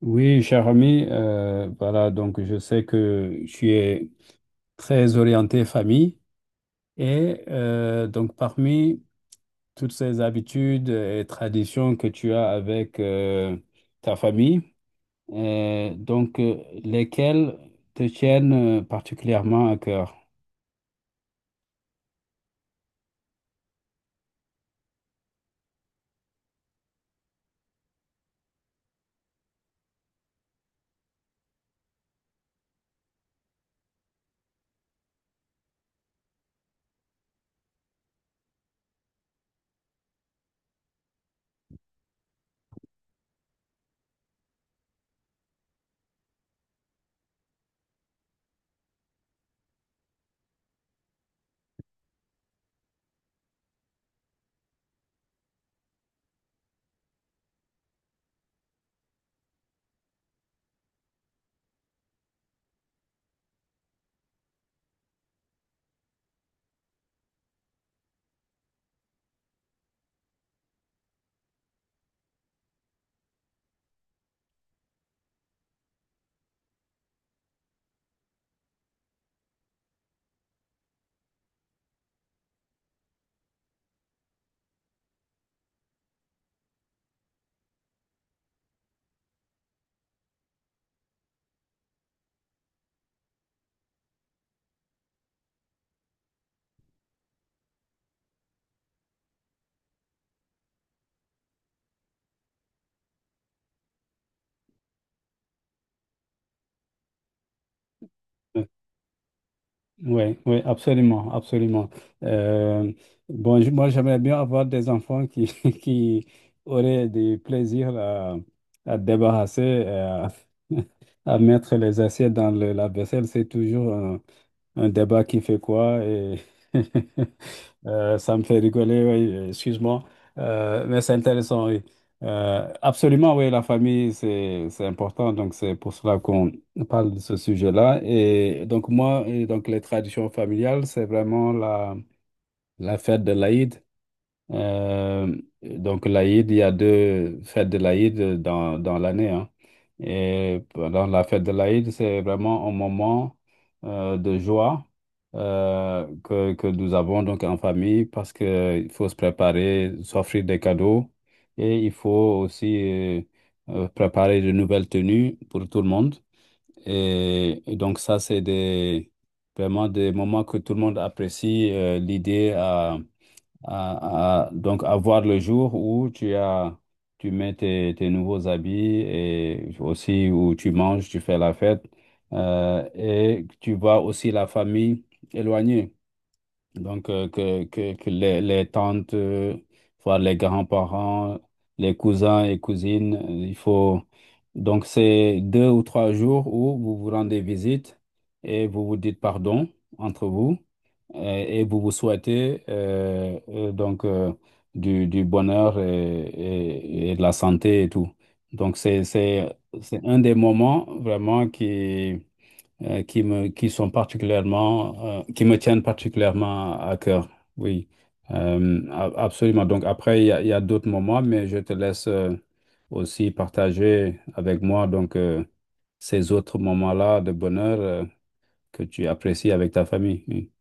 Oui, cher ami, voilà, donc je sais que tu es très orienté famille et donc parmi toutes ces habitudes et traditions que tu as avec ta famille, lesquelles te tiennent particulièrement à cœur? Oui, oui, absolument, absolument. Euh, bon, moi, j'aimerais bien avoir des enfants qui, qui auraient du plaisir à débarrasser, à, mettre les assiettes dans le lave-vaisselle. C'est toujours un débat qui fait quoi et ça me fait rigoler, oui, excuse-moi. Mais c'est intéressant, oui. Absolument, oui, la famille, c'est important, donc c'est pour cela qu'on parle de ce sujet-là. Et donc moi, et donc les traditions familiales, c'est vraiment la fête de l'Aïd, euh, donc l'Aïd, il y a deux fêtes de l'Aïd dans l'année, hein. Et pendant la fête de l'Aïd, c'est vraiment un moment de joie que nous avons donc en famille parce que il faut se préparer, s'offrir des cadeaux et il faut aussi préparer de nouvelles tenues pour tout le monde. Et donc ça, vraiment des moments que tout le monde apprécie l'idée donc à voir le jour où tu as, tu mets tes nouveaux habits et aussi où tu manges, tu fais la fête et tu vois aussi la famille éloignée. Donc que les tantes, voir les grands-parents, les cousins et cousines, il faut... Donc c'est deux ou trois jours où vous vous rendez visite et vous vous dites pardon entre vous et vous vous souhaitez du bonheur et de la santé et tout. Donc c'est un des moments vraiment qui sont particulièrement, qui me tiennent particulièrement à cœur. Oui, absolument. Donc après, il y a d'autres moments, mais je te laisse aussi partager avec moi ces autres moments-là de bonheur que tu apprécies avec ta famille. Oui.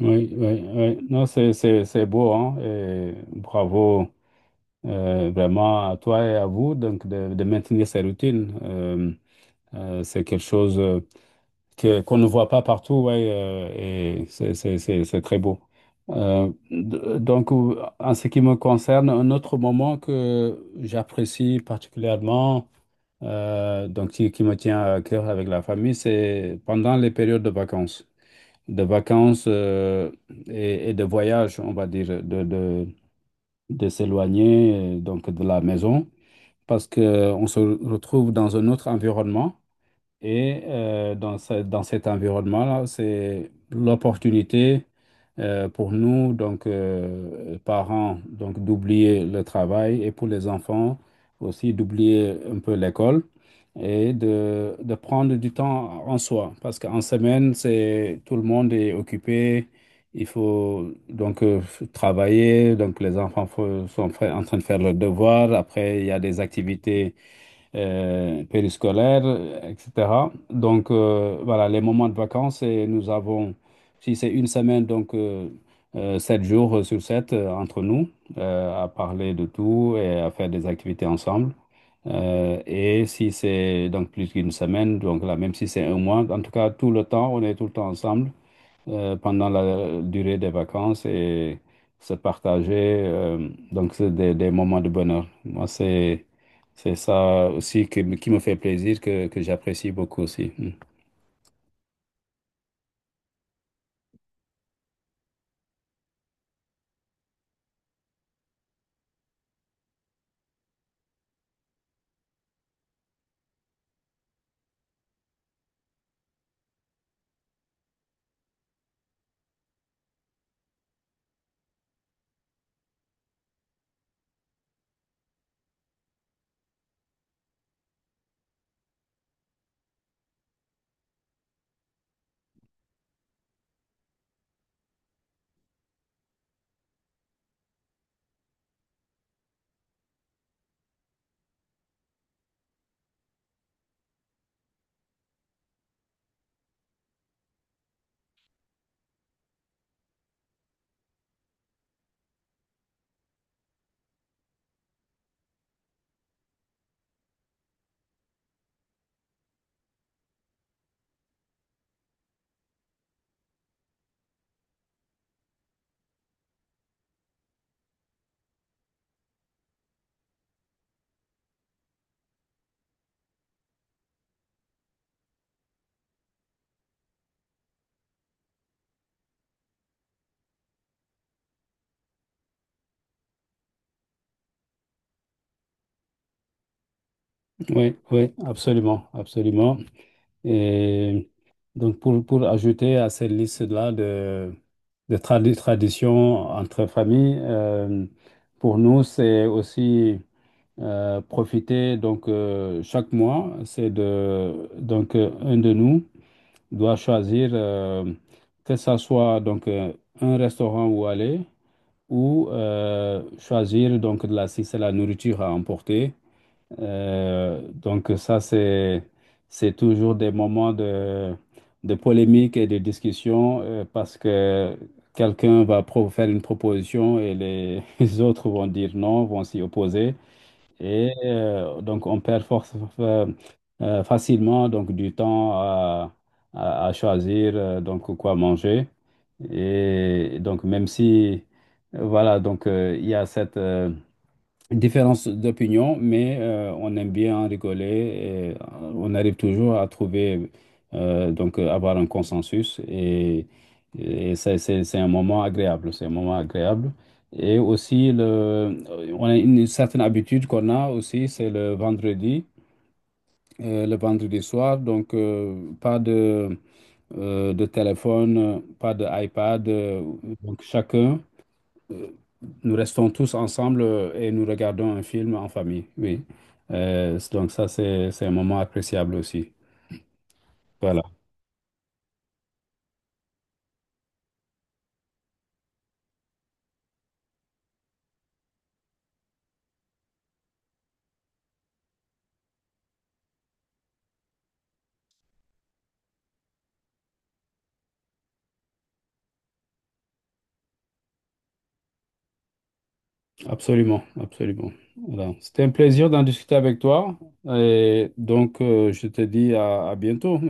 Oui, oui, oui. Non, c'est beau, hein, et bravo vraiment à toi et à vous donc de maintenir ces routines. C'est quelque chose qu'on ne voit pas partout, ouais, et c'est très beau. Donc, en ce qui me concerne, un autre moment que j'apprécie particulièrement, donc qui me tient à cœur avec la famille, c'est pendant les périodes de vacances de vacances euh, et de voyage, on va dire, de s'éloigner donc de la maison parce que on se retrouve dans un autre environnement et dans cet environnement-là, c'est l'opportunité pour nous, parents, donc d'oublier le travail et pour les enfants aussi d'oublier un peu l'école et de prendre du temps en soi. Parce qu'en semaine, c'est tout le monde est occupé. Il faut donc travailler. Donc les enfants en train de faire leurs devoirs. Après, il y a des activités périscolaires, etc. Donc, voilà, les moments de vacances, et nous avons, si c'est une semaine, sept jours sur sept entre nous, à parler de tout et à faire des activités ensemble. Et si c'est donc plus qu'une semaine, donc là, même si c'est un mois, en tout cas, tout le temps, on est tout le temps ensemble pendant la durée des vacances et se partager. Donc, c'est des moments de bonheur. Moi, c'est ça aussi qui me fait plaisir, que j'apprécie beaucoup aussi. Mm. Oui, oui, absolument, absolument. Et donc, pour ajouter à cette liste-là de traditions entre familles, pour nous, c'est aussi profiter chaque mois, c'est de un de nous doit choisir que ça soit un restaurant où aller ou choisir donc de la si c'est la nourriture à emporter. Donc ça c'est toujours des moments de polémique et de discussion parce que quelqu'un faire une proposition et les les autres vont dire non, vont s'y opposer. Donc, on perd force, euh, facilement donc, du temps à choisir donc, quoi manger. Et donc, même si, voilà, il y a cette, une différence d'opinion, mais on aime bien en rigoler et on arrive toujours à trouver, avoir un consensus et c'est un moment agréable, c'est un moment agréable. Et aussi, on a une certaine habitude qu'on a aussi, c'est le vendredi soir, pas de, de téléphone, pas d'iPad, donc chacun. Nous restons tous ensemble et nous regardons un film en famille, oui. Donc ça, c'est un moment appréciable aussi. Voilà, absolument, absolument. Voilà. C'était un plaisir d'en discuter avec toi et je te dis à bientôt.